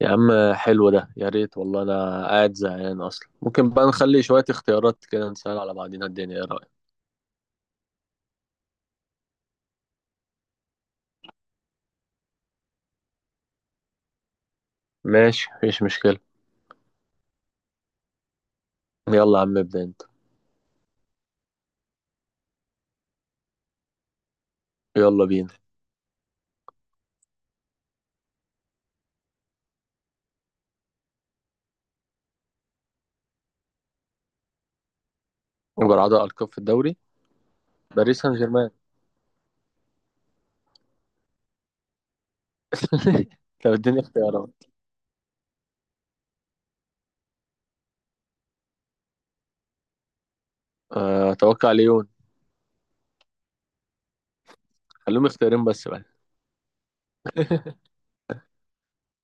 يا عم حلو ده، يا ريت والله. انا قاعد زهقان اصلا. ممكن بقى نخلي شوية اختيارات كده، نسأل على بعضينا الدنيا؟ ايه رأيك؟ ماشي، مفيش مشكلة. يلا يا عم، ابدأ انت. يلا بينا. جرعة ألقاب في الدوري؟ باريس سان جيرمان. طب اديني اختيارات. اتوقع ليون. خليهم اختيارين بس بقى.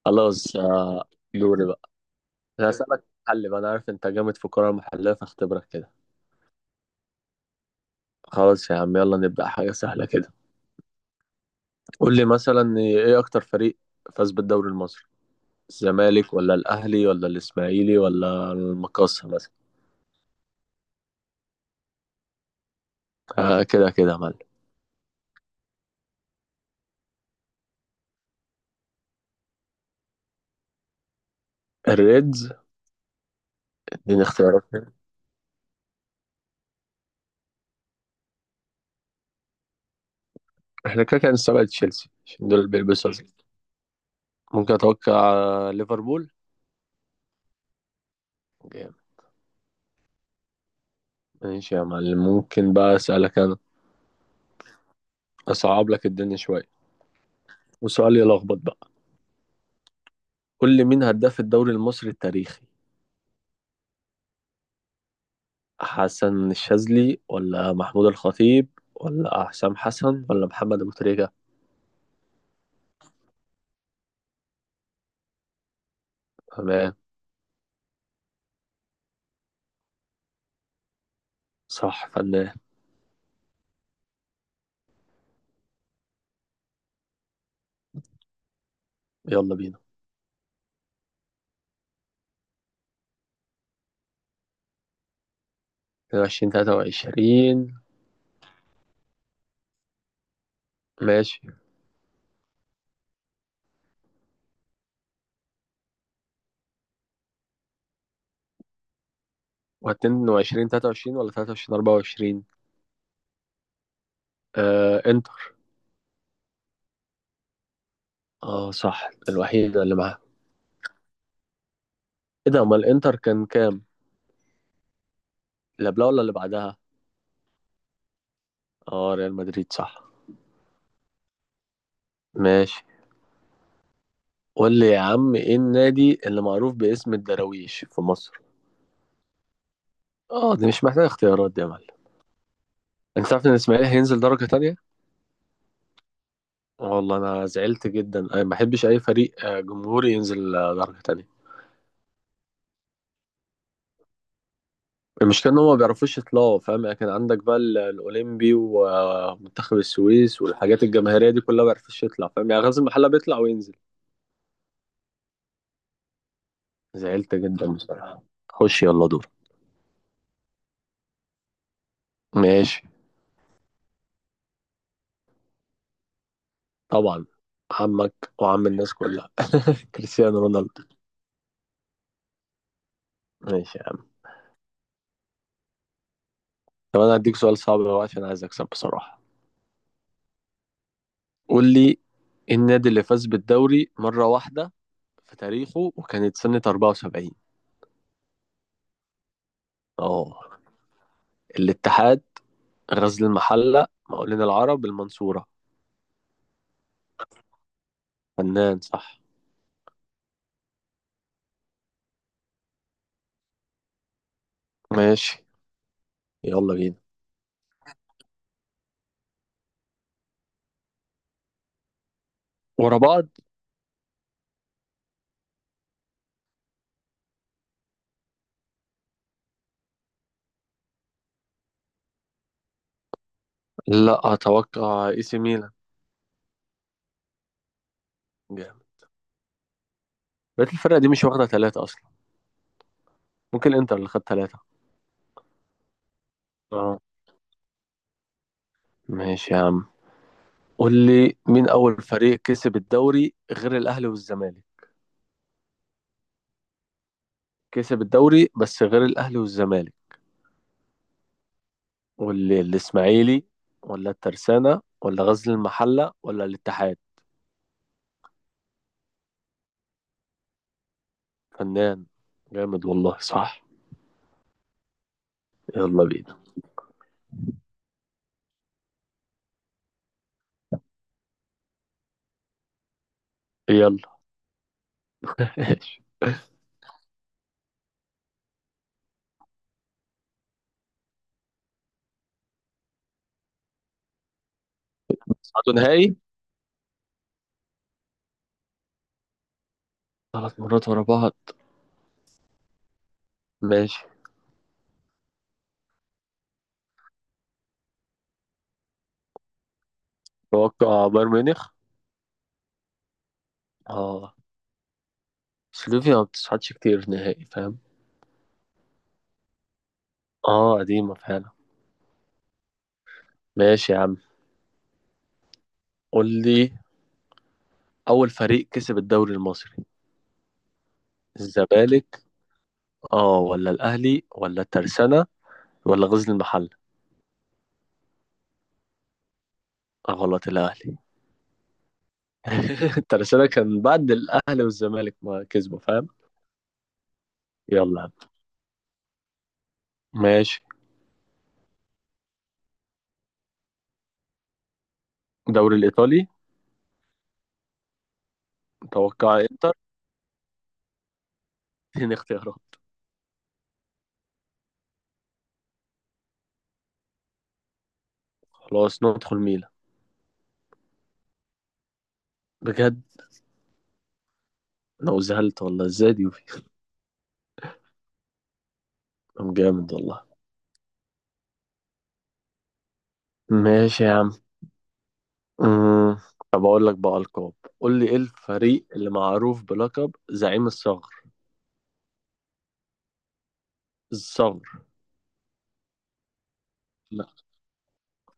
خلاص. دوري بقى. انا هسألك حل بقى، انا عارف انت جامد في الكرة المحلية فاختبرك كده. خلاص يا عم، يلا نبدأ حاجة سهلة كده. قول لي مثلا، ايه اكتر فريق فاز بالدوري المصري؟ الزمالك ولا الاهلي ولا الاسماعيلي ولا المقاصة مثلا؟ آه كده كده يا معلم. الريدز؟ دي اختيارات. احنا كده كده هنستبعد تشيلسي عشان دول اللي بيلبسوا أزرق. ممكن اتوقع ليفربول. جامد. ماشي يا معلم، ممكن بقى اسالك انا؟ اصعب لك الدنيا شويه، وسؤال يلخبط بقى. قول لي مين هداف الدوري المصري التاريخي؟ حسن الشاذلي ولا محمود الخطيب ولا حسام حسن ولا محمد ابو تريكه؟ تمام، صح فنان. يلا بينا. 22 23؟ ماشي. واتنين وعشرين تلاتة وعشرين ولا تلاتة وعشرين أربعة وعشرين؟ آه انتر. اه صح، الوحيدة اللي معاها. ايه ده، امال الانتر كان كام؟ اللي قبلها ولا اللي بعدها؟ اه ريال مدريد صح. ماشي. قول لي يا عم، ايه النادي اللي معروف باسم الدراويش في مصر؟ اه دي مش محتاجة اختيارات دي يا معلم. انت عارف ان الاسماعيلي هينزل درجة تانية؟ والله انا زعلت جدا، انا ما بحبش اي فريق جمهوري ينزل درجة تانية. المشكلة إن هما ما بيعرفوش يطلعوا، فاهم يعني؟ كان عندك بقى الأولمبي ومنتخب السويس والحاجات الجماهيرية دي كلها، ما بيعرفوش يطلع، فاهم يعني؟ غازي المحلة بيطلع وينزل. زعلت جدا بصراحة. خش يلا دور. ماشي. طبعا عمك وعم الناس كلها، كريستيانو رونالدو. ماشي يا عم. طب أنا هديك سؤال صعب بقى، عشان عايز أكسب بصراحة. قول لي، إيه النادي اللي فاز بالدوري مرة واحدة في تاريخه وكانت سنة 74؟ اه، الاتحاد، غزل المحلة، مقاولين العرب، المنصورة. فنان، صح. ماشي. يلا بينا. ورا بعض؟ لا اتوقع اي سي ميلان. جامد. بقيت الفرقة دي مش واخدة ثلاثة اصلا. ممكن الانتر اللي خد ثلاثة. اه. ماشي يا عم. قول لي مين اول فريق كسب الدوري غير الاهلي والزمالك؟ كسب الدوري بس غير الاهلي والزمالك. قول لي الاسماعيلي ولا الترسانة ولا غزل المحلة ولا الاتحاد؟ فنان، جامد والله صح. يلا بينا. يلا. صعدوا نهائي ثلاث مرات ورا بعض؟ ماشي. توقع بايرن ميونخ. اه. سلوفيا ما بتصعدش كتير نهائي، فاهم؟ اه، قديمة فعلا. ماشي يا عم. قول لي أول فريق كسب الدوري المصري؟ الزمالك اه، ولا الأهلي ولا الترسانة ولا غزل المحلة؟ غلط، الأهلي. الترسانة كان بعد الأهلي والزمالك ما كسبوا، فاهم؟ يلا يا عم. ماشي. الدوري الإيطالي؟ توقع إنتر. اتنين اختيارات. خلاص ندخل ميلان. بجد؟ انا زهلت والله، ازاي دي؟ طب جامد والله. ماشي يا عم. أمم، طب أقول لك بقى ألقاب. قول لي إيه الفريق اللي معروف بلقب زعيم الصغر؟ الصغر. لا.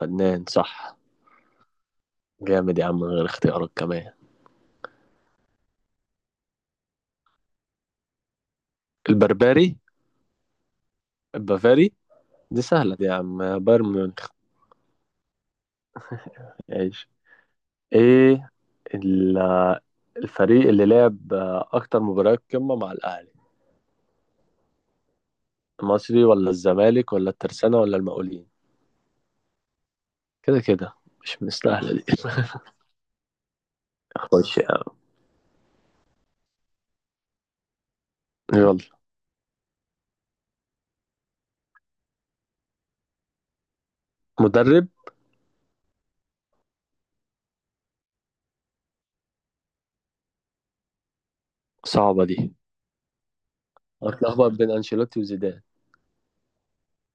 فنان، صح. جامد يا عم، من غير اختيارات كمان. البربري؟ البافاري. دي سهلة دي يا عم، بايرن ميونخ. عيش. إيه ال- الفريق اللي لعب أكتر مباريات قمة مع الأهلي؟ المصري ولا الزمالك ولا الترسانة ولا المقاولين؟ كده كده، مش مستاهلة دي. خش يا عم. يلا. مدرب. صعبة دي. اتلخبط بين انشيلوتي وزيدان.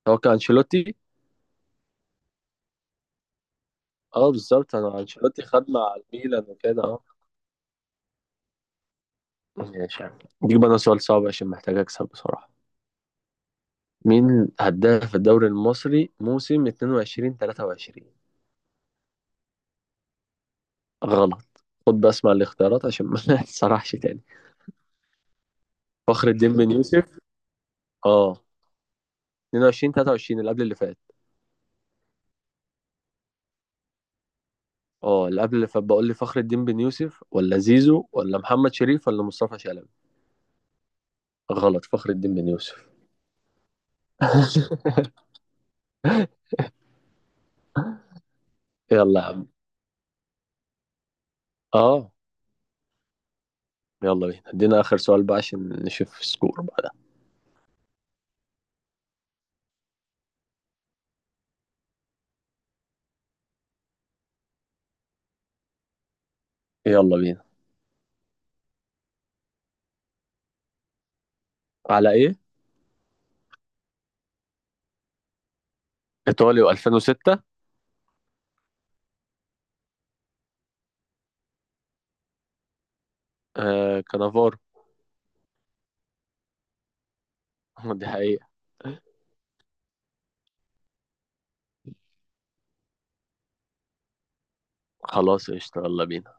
هو كان انشيلوتي. اه بالظبط، انا انشيلوتي خد مع الميلان وكده، اه. ماشي. دي بقى سؤال صعب عشان محتاج اكسب بصراحة. مين هداف الدوري المصري موسم 22 23؟ غلط. خد بس مع الاختيارات عشان ما تسرحش تاني. فخر الدين بن يوسف. اه. 22 23، اللي قبل اللي فات. اه اللي قبل اللي فات. بقول لي فخر الدين بن يوسف ولا زيزو ولا محمد شريف ولا مصطفى شلبي؟ غلط، فخر الدين بن يوسف. يلا يا عم. اه. يلا بينا، ادينا اخر سؤال بقى عشان نشوف السكور بعدها. يلا بينا. على ايه؟ ايطاليا 2006. آه كانافارو. دي حقيقة. خلاص قشطة، يلا بينا.